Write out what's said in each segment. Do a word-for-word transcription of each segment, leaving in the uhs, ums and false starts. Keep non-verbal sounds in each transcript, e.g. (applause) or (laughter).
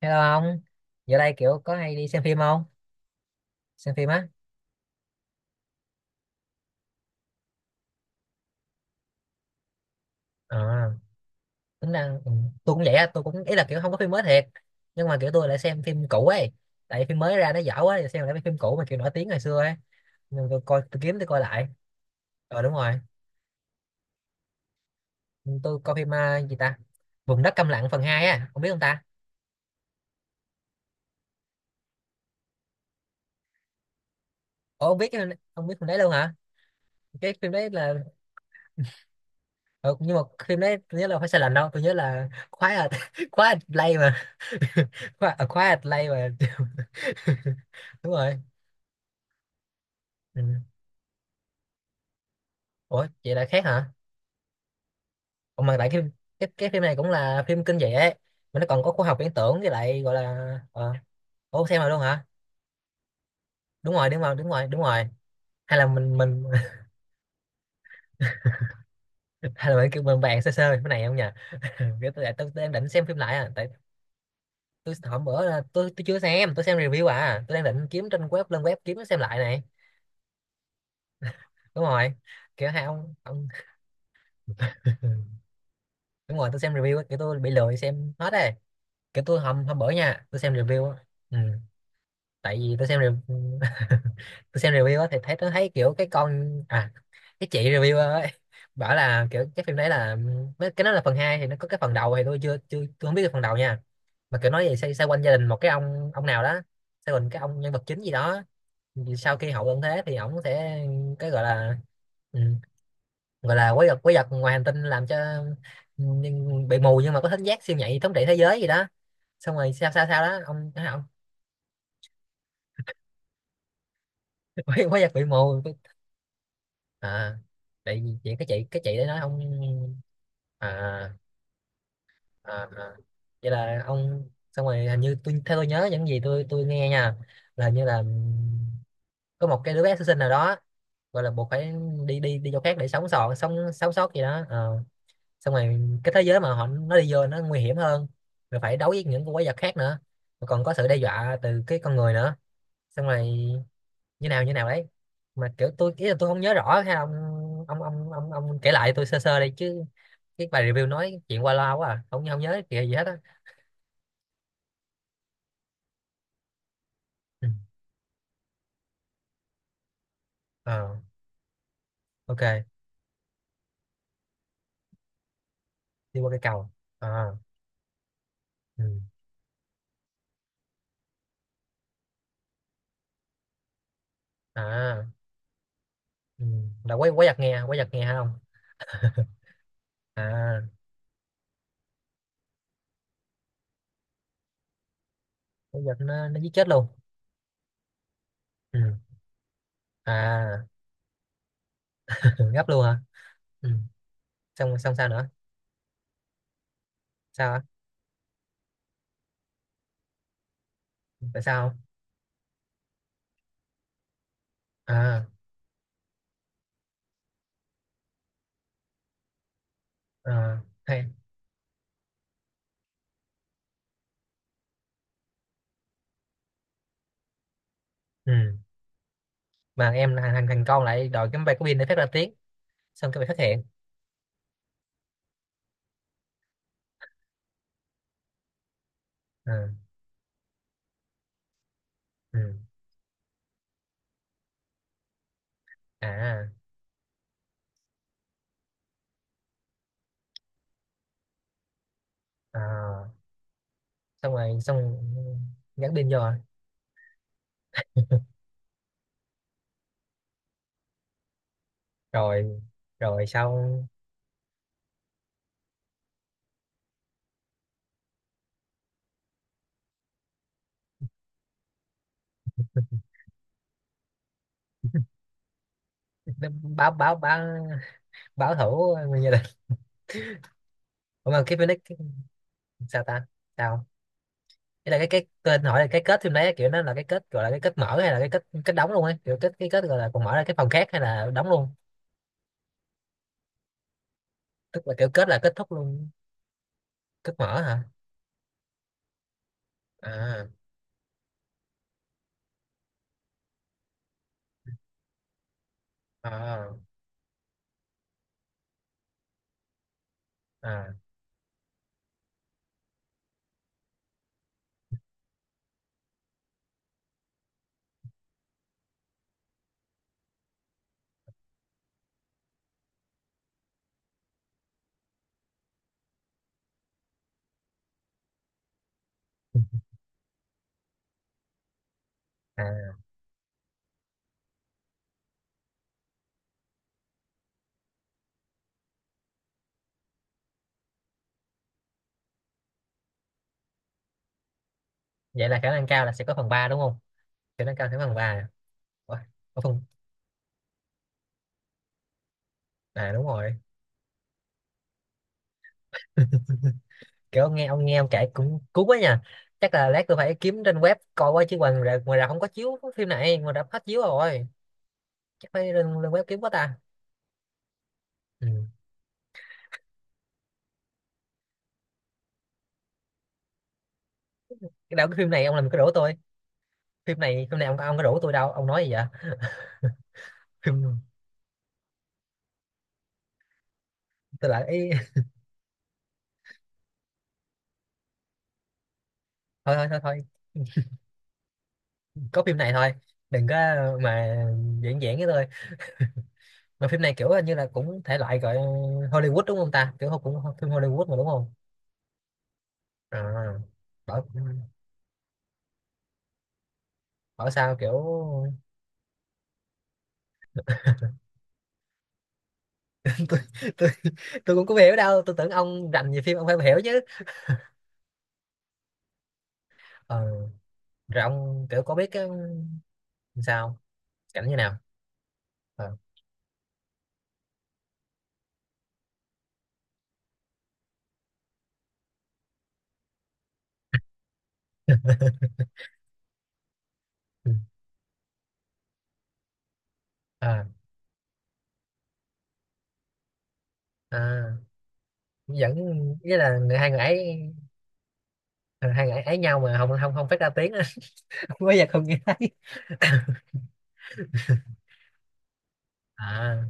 Hello ông, giờ đây kiểu có hay đi xem phim không? Xem phim á? À, tính năng ừ, tôi cũng vậy á, tôi cũng ý là kiểu không có phim mới thiệt, nhưng mà kiểu tôi lại xem phim cũ ấy, tại vì phim mới ra nó dở quá, giờ xem lại mấy phim cũ mà kiểu nổi tiếng ngày xưa ấy, nhưng tôi coi tôi kiếm tôi coi lại. Ờ, đúng rồi. Ừ, tôi coi phim à, gì ta? Vùng đất câm lặng phần hai á, ông biết không ta? Ủa ông biết cái- Ông biết phim đấy luôn hả? Cái phim đấy là ừ, nhưng mà phim đấy tôi nhớ là phải sai lệch đâu, tôi nhớ là Quiet (laughs) Quiet Play mà. (laughs) Quiet Quiet Play mà. (laughs) Đúng rồi. Ừ. Ủa, vậy là khác hả? Còn mà tại cái cái cái phim này cũng là phim kinh dị ấy, mà nó còn có khoa học viễn tưởng với lại gọi là ờ, ủa xem rồi luôn hả? Đúng rồi, đúng rồi, đúng rồi, đúng rồi. Hay là mình mình (laughs) hay là mình kêu mình bàn sơ sơ cái này không nhỉ? (laughs) Cái tôi, tôi, tôi đang định xem phim lại à, tại tôi hôm bữa là tôi tôi chưa xem, tôi xem review à, tôi đang định kiếm trên web lên web kiếm xem lại này. Đúng rồi. Kiểu hai ông ông (laughs) đúng rồi, tôi xem review á, kiểu tôi bị lười xem hết rồi. Kiểu tôi hôm hôm bữa nha, tôi xem review á. Ừ. Tại vì tôi xem review (laughs) tôi xem review á thì thấy tôi thấy kiểu cái con à cái chị review ấy bảo là kiểu cái phim đấy là mấy- cái đó là phần hai thì nó có cái phần đầu thì tôi chưa chưa tôi không biết cái phần đầu nha, mà kiểu nói về xoay, xoay quanh gia đình một cái ông ông nào đó, xoay quanh cái ông nhân vật chính gì đó. Thì sau khi hậu tận thế thì ổng sẽ cái gọi là ừ, gọi là quái vật quái vật ngoài hành tinh làm cho ừ, nhưng- bị mù nhưng mà có thính giác siêu nhạy thống trị thế giới gì đó, xong rồi sao sao sao đó ông ông. (laughs) quái quái vật bị mù, à tại vì vậy cái chị cái chị đấy nói ông. À, à, à. Vậy là ông xong rồi hình như tôi theo tôi nhớ những gì tôi tôi nghe nha, là hình như là có một cái đứa bé sơ sinh nào đó gọi là buộc phải đi đi đi chỗ khác để sống sót, sống sống sót gì đó. Ờ. Xong rồi cái thế giới mà họ nó đi vô nó nguy hiểm hơn, rồi phải đấu với những con quái vật khác nữa, rồi còn có sự đe dọa từ cái con người nữa, xong rồi như nào như nào đấy, mà kiểu tôi ý là tôi không nhớ rõ, hay là ông ông ông ông, ông kể lại tôi sơ sơ đây chứ, cái bài review nói chuyện qua loa quá à, không không nhớ kìa gì hết á. Ừ. Ờ, ok. Đi qua cây cầu à. Ừ. À. Ừ. Là quái quái vật nghe quái vật nghe hả không? À quái vật nó nó giết chết luôn. Ừ. À. (laughs) Ừ, gấp luôn hả. Ừ. xong xong sao nữa? Sao á? Tại sao? À à ờ, hay. Ừ. Mà em thằng thằng thằng con lại đòi cái máy bay của pin để phát ra tiếng, xong cái bị phát hiện. Ừ. Ừ. À, à xong rồi xong. Nhắn tin vô à? Rồi. Rồi xong nó báo. Báo báo báo thủ người gia đình. Ủa mà cái Phoenix cái- sao ta, sao. Ý là cái cái tên hỏi là cái kết phim đấy kiểu nó là cái kết, gọi là cái kết mở hay là cái kết kết đóng luôn ấy, kiểu kết cái kết gọi là còn mở ra cái phòng khác hay là đóng luôn, tức là kiểu kết là kết thúc luôn. Kết mở hả? À à à, à. Vậy là khả năng cao là sẽ có phần ba đúng không? Khả năng cao sẽ có phần ba à? Ủa, có phần. À đúng rồi, kiểu ông nghe ông nghe ông kể cũng cuốn quá nha, chắc là lát tôi phải kiếm trên web coi qua chứ ngoài ra- ngoài rạp không có chiếu phim này, ngoài rạp hết chiếu rồi, chắc phải lên, lên web kiếm quá ta. Ừ. Cái đạo cái phim này ông làm cái rủ tôi, phim này phim này ông ông có rủ tôi đâu ông nói gì vậy? Phim tôi lại ý. (laughs) Thôi thôi thôi thôi, có phim này thôi, đừng có mà diễn diễn với tôi, mà phim này kiểu như là cũng thể loại gọi Hollywood đúng không ta, kiểu cũng phim Hollywood mà đúng không? À, bảo bảo sao kiểu tôi, tôi, tôi cũng không hiểu đâu, tôi tưởng ông rành về phim ông phải hiểu chứ. Ờ, rồi ông kiểu có biết cái sao cảnh như nào? Ờ. Ừ. À, à, vẫn nghĩa là người hai người ấy. Ờ, hai người ấy, ấy nhau mà không không không phát ra tiếng á. (laughs) Không có giờ không nghe thấy. (laughs) À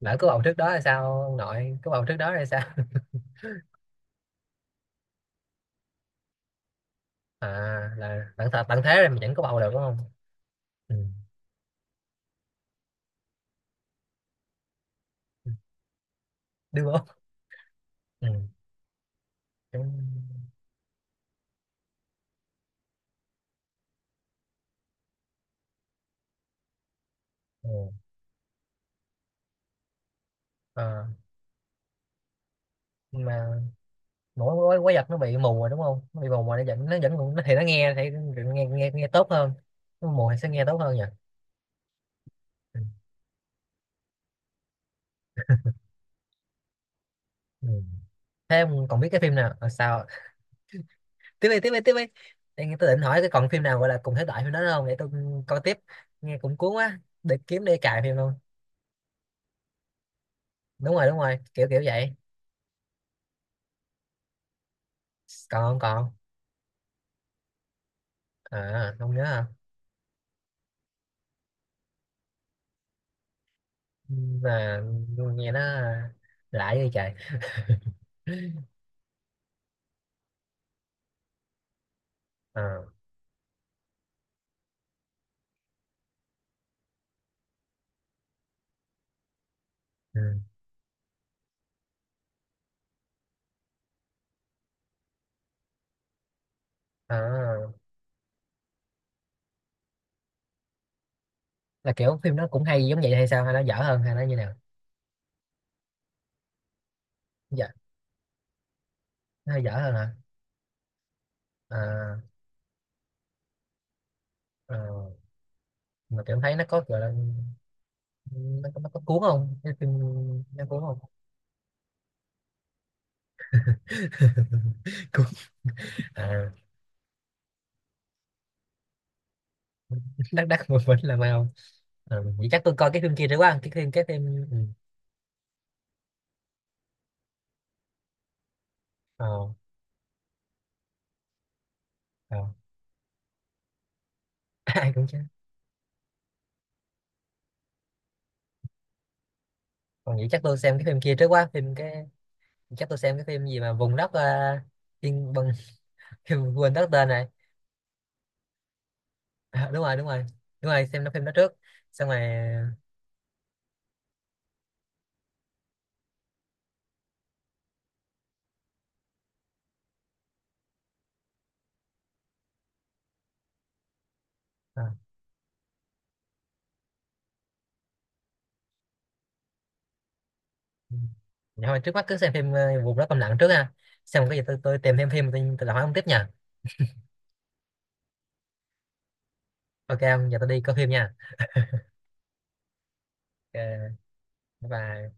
lỡ có bầu trước đó là sao, ông nội có bầu trước đó là sao? (laughs) À là tận thế, tận thế rồi mà vẫn có bầu được đúng không? Ừ. Đưa bố. Ừ. Đúng. Ừ. Ờ, nhưng mà mũi quái, quái vật nó bị mù rồi đúng không, nó bị mù rồi nó vẫn nó vẫn còn- nó thì nó nghe thì nghe nghe nghe tốt hơn. Nó mù thì sẽ nghe tốt hơn nhỉ. Ừ. Ừ. Thế em còn biết cái phim nào à, sao? Tiếp đi, tiếp đi, tiếp đi. Em tôi định hỏi cái còn phim nào gọi là cùng thể loại phim đó không để tôi coi tiếp, nghe cũng cuốn quá để kiếm đi cài phim luôn. Đúng rồi, đúng rồi, kiểu kiểu vậy. Còn không còn, à không nhớ hả. Ừ, mà nghe nó lạ như trời. (laughs) Ờ, ừ. Ờ, là kiểu phim nó cũng hay giống vậy hay sao, hay nó dở hơn, hay nó như nào? Dở. Nó hơi dở hơn hả? À, ờ, mà kiểu thấy nó có gọi là nó, có- nó có cuốn không cái phim, nó cuốn không? (laughs) Cuốn. À, đắc đắc một mình là mày không. À, vậy chắc tôi coi cái phim kia trước quá, cái phim cái phim ừ. Ờ, ờ. (laughs) Ai cũng chứ. Còn vậy chắc tôi xem cái phim kia trước quá, phim cái, chắc tôi xem cái phim gì mà vùng đất uh, tiên bằng. (laughs) Quên đất tên này. À, đúng rồi, đúng rồi, đúng rồi, xem nó phim đó trước xong rồi. Ờ, dạ thôi trước mắt cứ xem phim ờ, vùng đó câm lặng trước ha, xem cái gì tôi tôi tìm thêm phim, tôi, tôi lại hỏi ông tiếp nha. Ok ông, giờ tôi đi coi phim nha. Ok, bye bye.